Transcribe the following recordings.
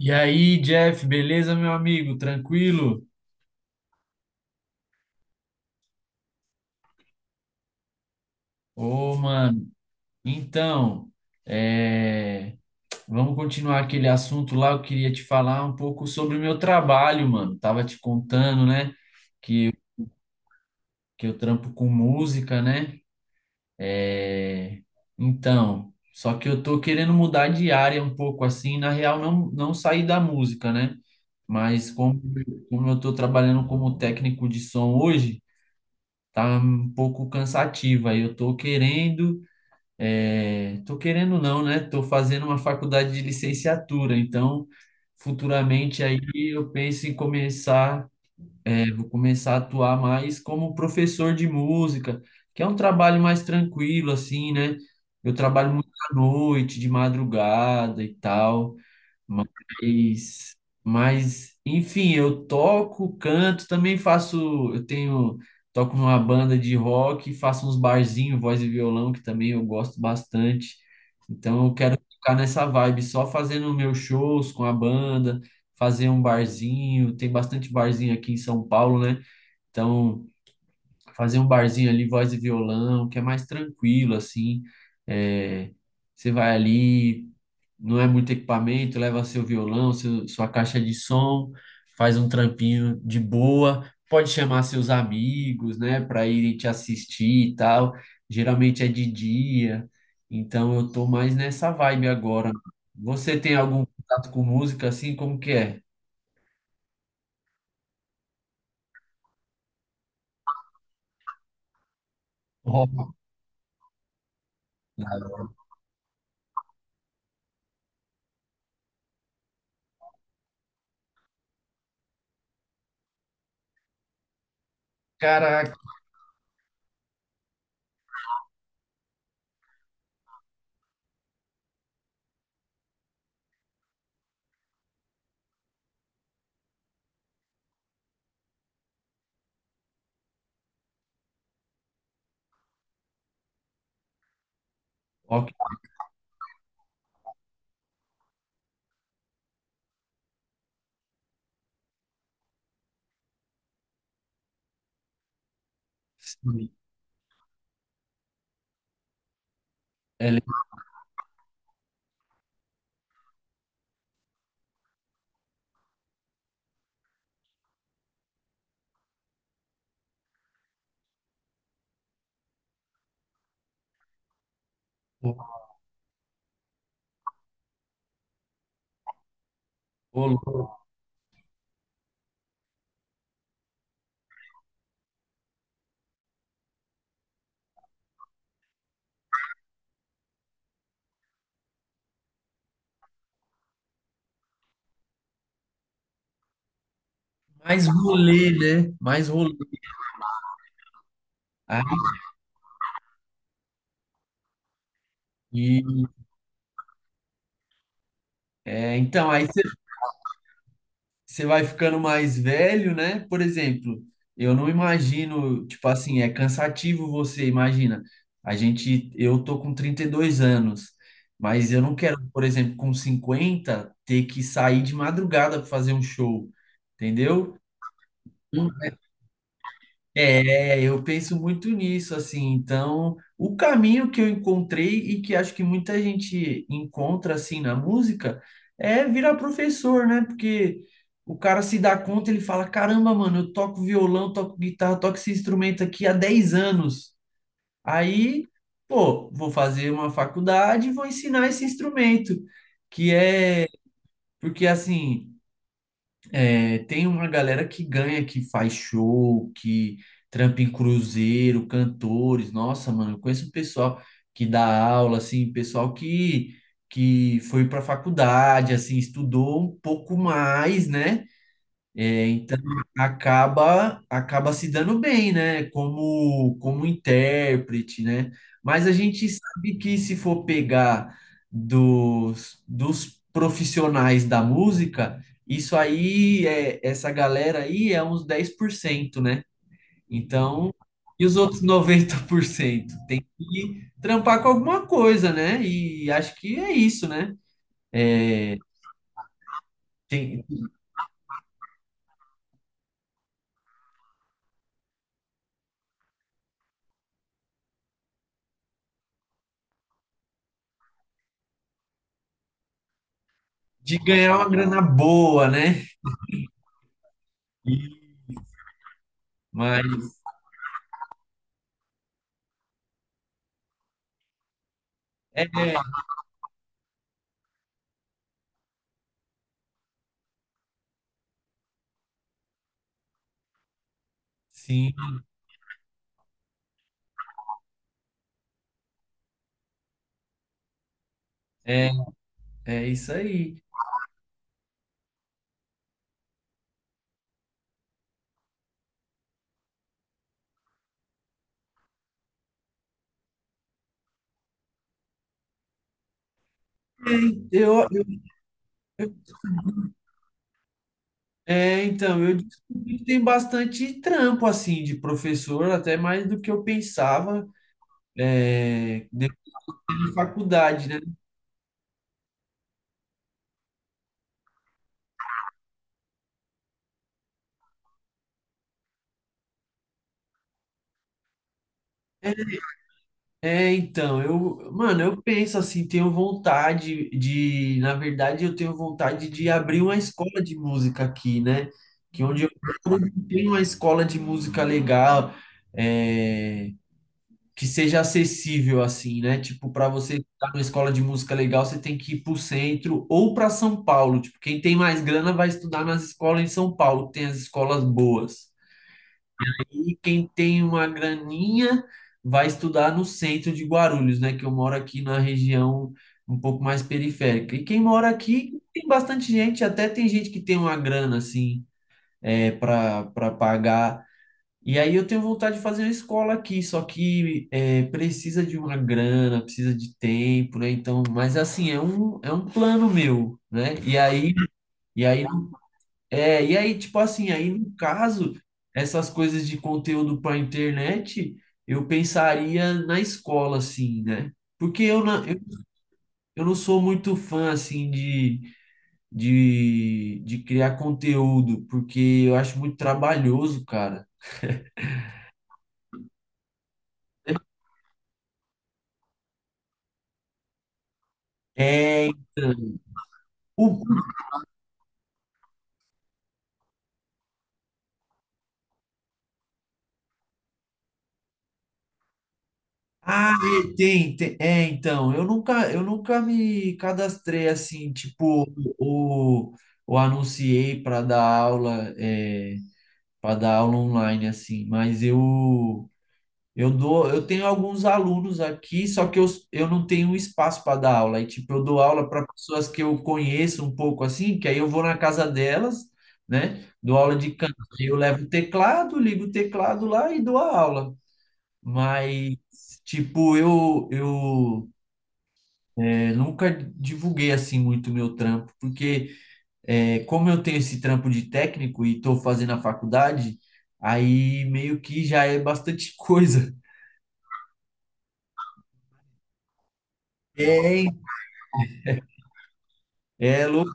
E aí, Jeff, beleza, meu amigo? Tranquilo? Ô, mano, então, é, vamos continuar aquele assunto lá. Eu queria te falar um pouco sobre o meu trabalho, mano. Tava te contando, né, que eu trampo com música, né? É, Então, só que eu tô querendo mudar de área um pouco assim, na real, não sair da música, né? Mas como eu tô trabalhando como técnico de som hoje, tá um pouco cansativo. Aí eu tô querendo. É, tô querendo não, né? Tô fazendo uma faculdade de licenciatura, então futuramente aí eu penso em vou começar a atuar mais como professor de música, que é um trabalho mais tranquilo assim, né? Eu trabalho muito à noite, de madrugada e tal. Mas, mas, enfim, eu toco, canto, também toco numa banda de rock, faço uns barzinhos, voz e violão, que também eu gosto bastante. Então eu quero ficar nessa vibe, só fazendo meus shows com a banda, fazer um barzinho, tem bastante barzinho aqui em São Paulo, né? Então fazer um barzinho ali, voz e violão, que é mais tranquilo, assim. É, você vai ali, não é muito equipamento, leva seu violão, sua caixa de som, faz um trampinho de boa, pode chamar seus amigos, né, para irem te assistir e tal. Geralmente é de dia, então eu tô mais nessa vibe agora. Você tem algum contato com música assim? Como que é? Rock. Caraca, rock. É, ô, mais rolê, né? Mais rolê. Aí, e, então, aí você você vai ficando mais velho, né? Por exemplo, eu não imagino, tipo assim, é cansativo você, imagina. Eu tô com 32 anos, mas eu não quero, por exemplo, com 50 ter que sair de madrugada para fazer um show, entendeu? É, eu penso muito nisso, assim. Então, o caminho que eu encontrei e que acho que muita gente encontra, assim, na música, é virar professor, né? Porque o cara se dá conta, ele fala: caramba, mano, eu toco violão, toco guitarra, toco esse instrumento aqui há 10 anos. Aí, pô, vou fazer uma faculdade e vou ensinar esse instrumento, que é. Porque, assim. É, tem uma galera que ganha, que faz show, que trampa em cruzeiro, cantores. Nossa, mano, eu conheço um pessoal que dá aula, assim, pessoal que foi para faculdade, assim, estudou um pouco mais, né? É, então acaba se dando bem, né? Como intérprete, né? Mas a gente sabe que se for pegar dos profissionais da música, isso aí é essa galera aí é uns 10% né? Então, e os outros 90% tem que trampar com alguma coisa, né? E acho que é isso, né? É, tem de ganhar uma grana boa, né? E- mas é, sim, é, é isso aí. É, eu, eu- é, então, eu descobri que tem bastante trampo, assim, de professor, até mais do que eu pensava, é, depois da faculdade, né? É, então, eu, mano, eu penso assim, tenho vontade de, na verdade, eu tenho vontade de abrir uma escola de música aqui, né? Que é onde eu moro tem uma escola de música legal, é, que seja acessível assim, né? Tipo, para você estar numa escola de música legal, você tem que ir para o centro ou para São Paulo. Tipo, quem tem mais grana vai estudar nas escolas em São Paulo, que tem as escolas boas. E quem tem uma graninha vai estudar no centro de Guarulhos, né? Que eu moro aqui na região um pouco mais periférica. E quem mora aqui tem bastante gente, até tem gente que tem uma grana assim, é, para pagar e aí eu tenho vontade de fazer uma escola aqui, só que é, precisa de uma grana, precisa de tempo, né? Então, mas assim, é um plano meu, né? E aí, e aí, tipo assim, aí no caso, essas coisas de conteúdo para internet, eu pensaria na escola, assim, né? Porque eu não sou muito fã, assim, de criar conteúdo, porque eu acho muito trabalhoso, cara. É, então, o Ah, é, tem, tem. É, então, eu nunca me cadastrei assim, tipo, ou, ou anunciei para dar aula, é, para dar aula online assim, mas eu dou, eu tenho alguns alunos aqui, só que eu não tenho espaço para dar aula. E tipo, eu dou aula para pessoas que eu conheço um pouco assim, que aí eu vou na casa delas, né? Dou aula de canto. Aí eu levo o teclado, ligo o teclado lá e dou a aula. Mas, tipo, eu é, nunca divulguei assim muito o meu trampo, porque é, como eu tenho esse trampo de técnico e estou fazendo a faculdade, aí meio que já é bastante coisa. É, hein? É louco.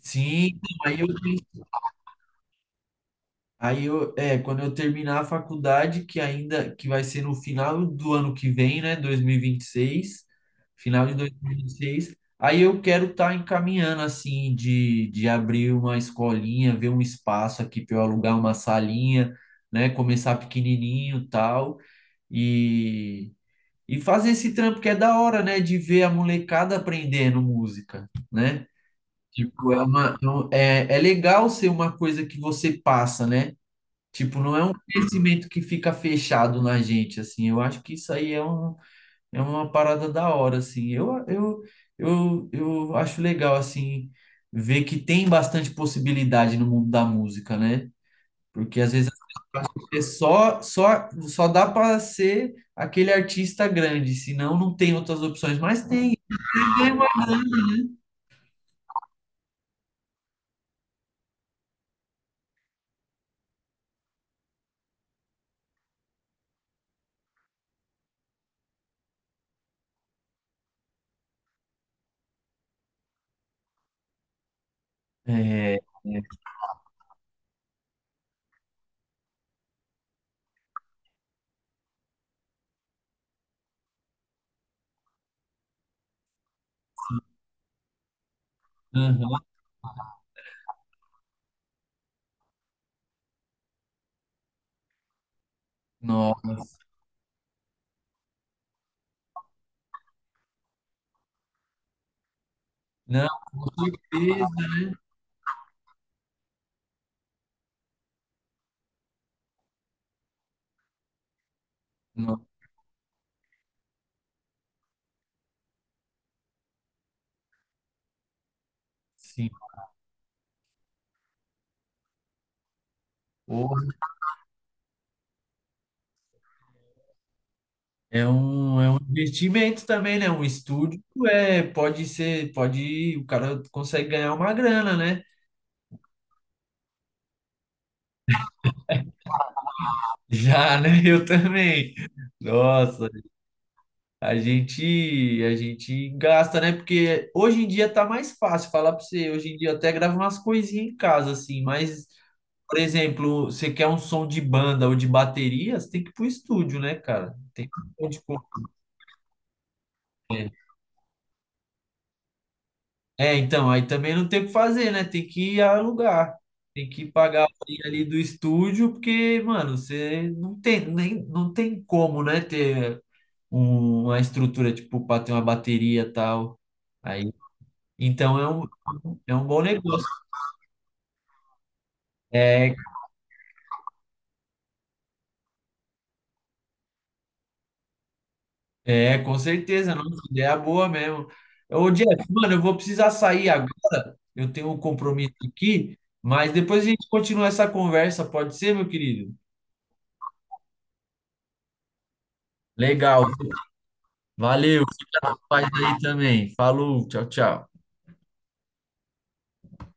Sim, então, aí eu Aí eu, é, quando eu terminar a faculdade, que ainda que vai ser no final do ano que vem, né, dois mil e vinte e seis final de 2026 aí eu quero estar encaminhando assim de abrir uma escolinha, ver um espaço aqui para eu alugar uma salinha, né, começar pequenininho, tal, e e fazer esse trampo que é da hora, né, de ver a molecada aprendendo música, né? Tipo, é é legal ser uma coisa que você passa, né? Tipo, não é um conhecimento que fica fechado na gente, assim. Eu acho que isso aí é uma parada da hora, assim. Eu acho legal, assim, ver que tem bastante possibilidade no mundo da música, né? Porque às vezes é só dá para ser aquele artista grande, senão não tem outras opções, mas tem. É, é. Aham. Nossa. Não, com certeza, né? Não, sim. É um investimento também, né? Um estúdio é, pode ser, pode, o cara consegue ganhar uma grana, né? Já, né? Eu também. Nossa, a gente gasta, né? Porque hoje em dia tá mais fácil falar pra você. Hoje em dia eu até gravo umas coisinhas em casa, assim, mas, por exemplo, você quer um som de banda ou de bateria, você tem que ir pro estúdio, né, cara? Tem é, então, aí também não tem o que fazer, né? Tem que alugar. Tem que pagar a horinha ali do estúdio, porque, mano, você não tem, nem, não tem como, né, ter uma estrutura, tipo, para ter uma bateria e tal. Aí, então é um bom negócio. É, é, com certeza, não, ideia é boa mesmo. Ô, Jeff, mano, eu vou precisar sair agora. Eu tenho um compromisso aqui, mas depois a gente continua essa conversa, pode ser, meu querido? Legal. Valeu, fica na paz aí também. Falou, tchau, tchau.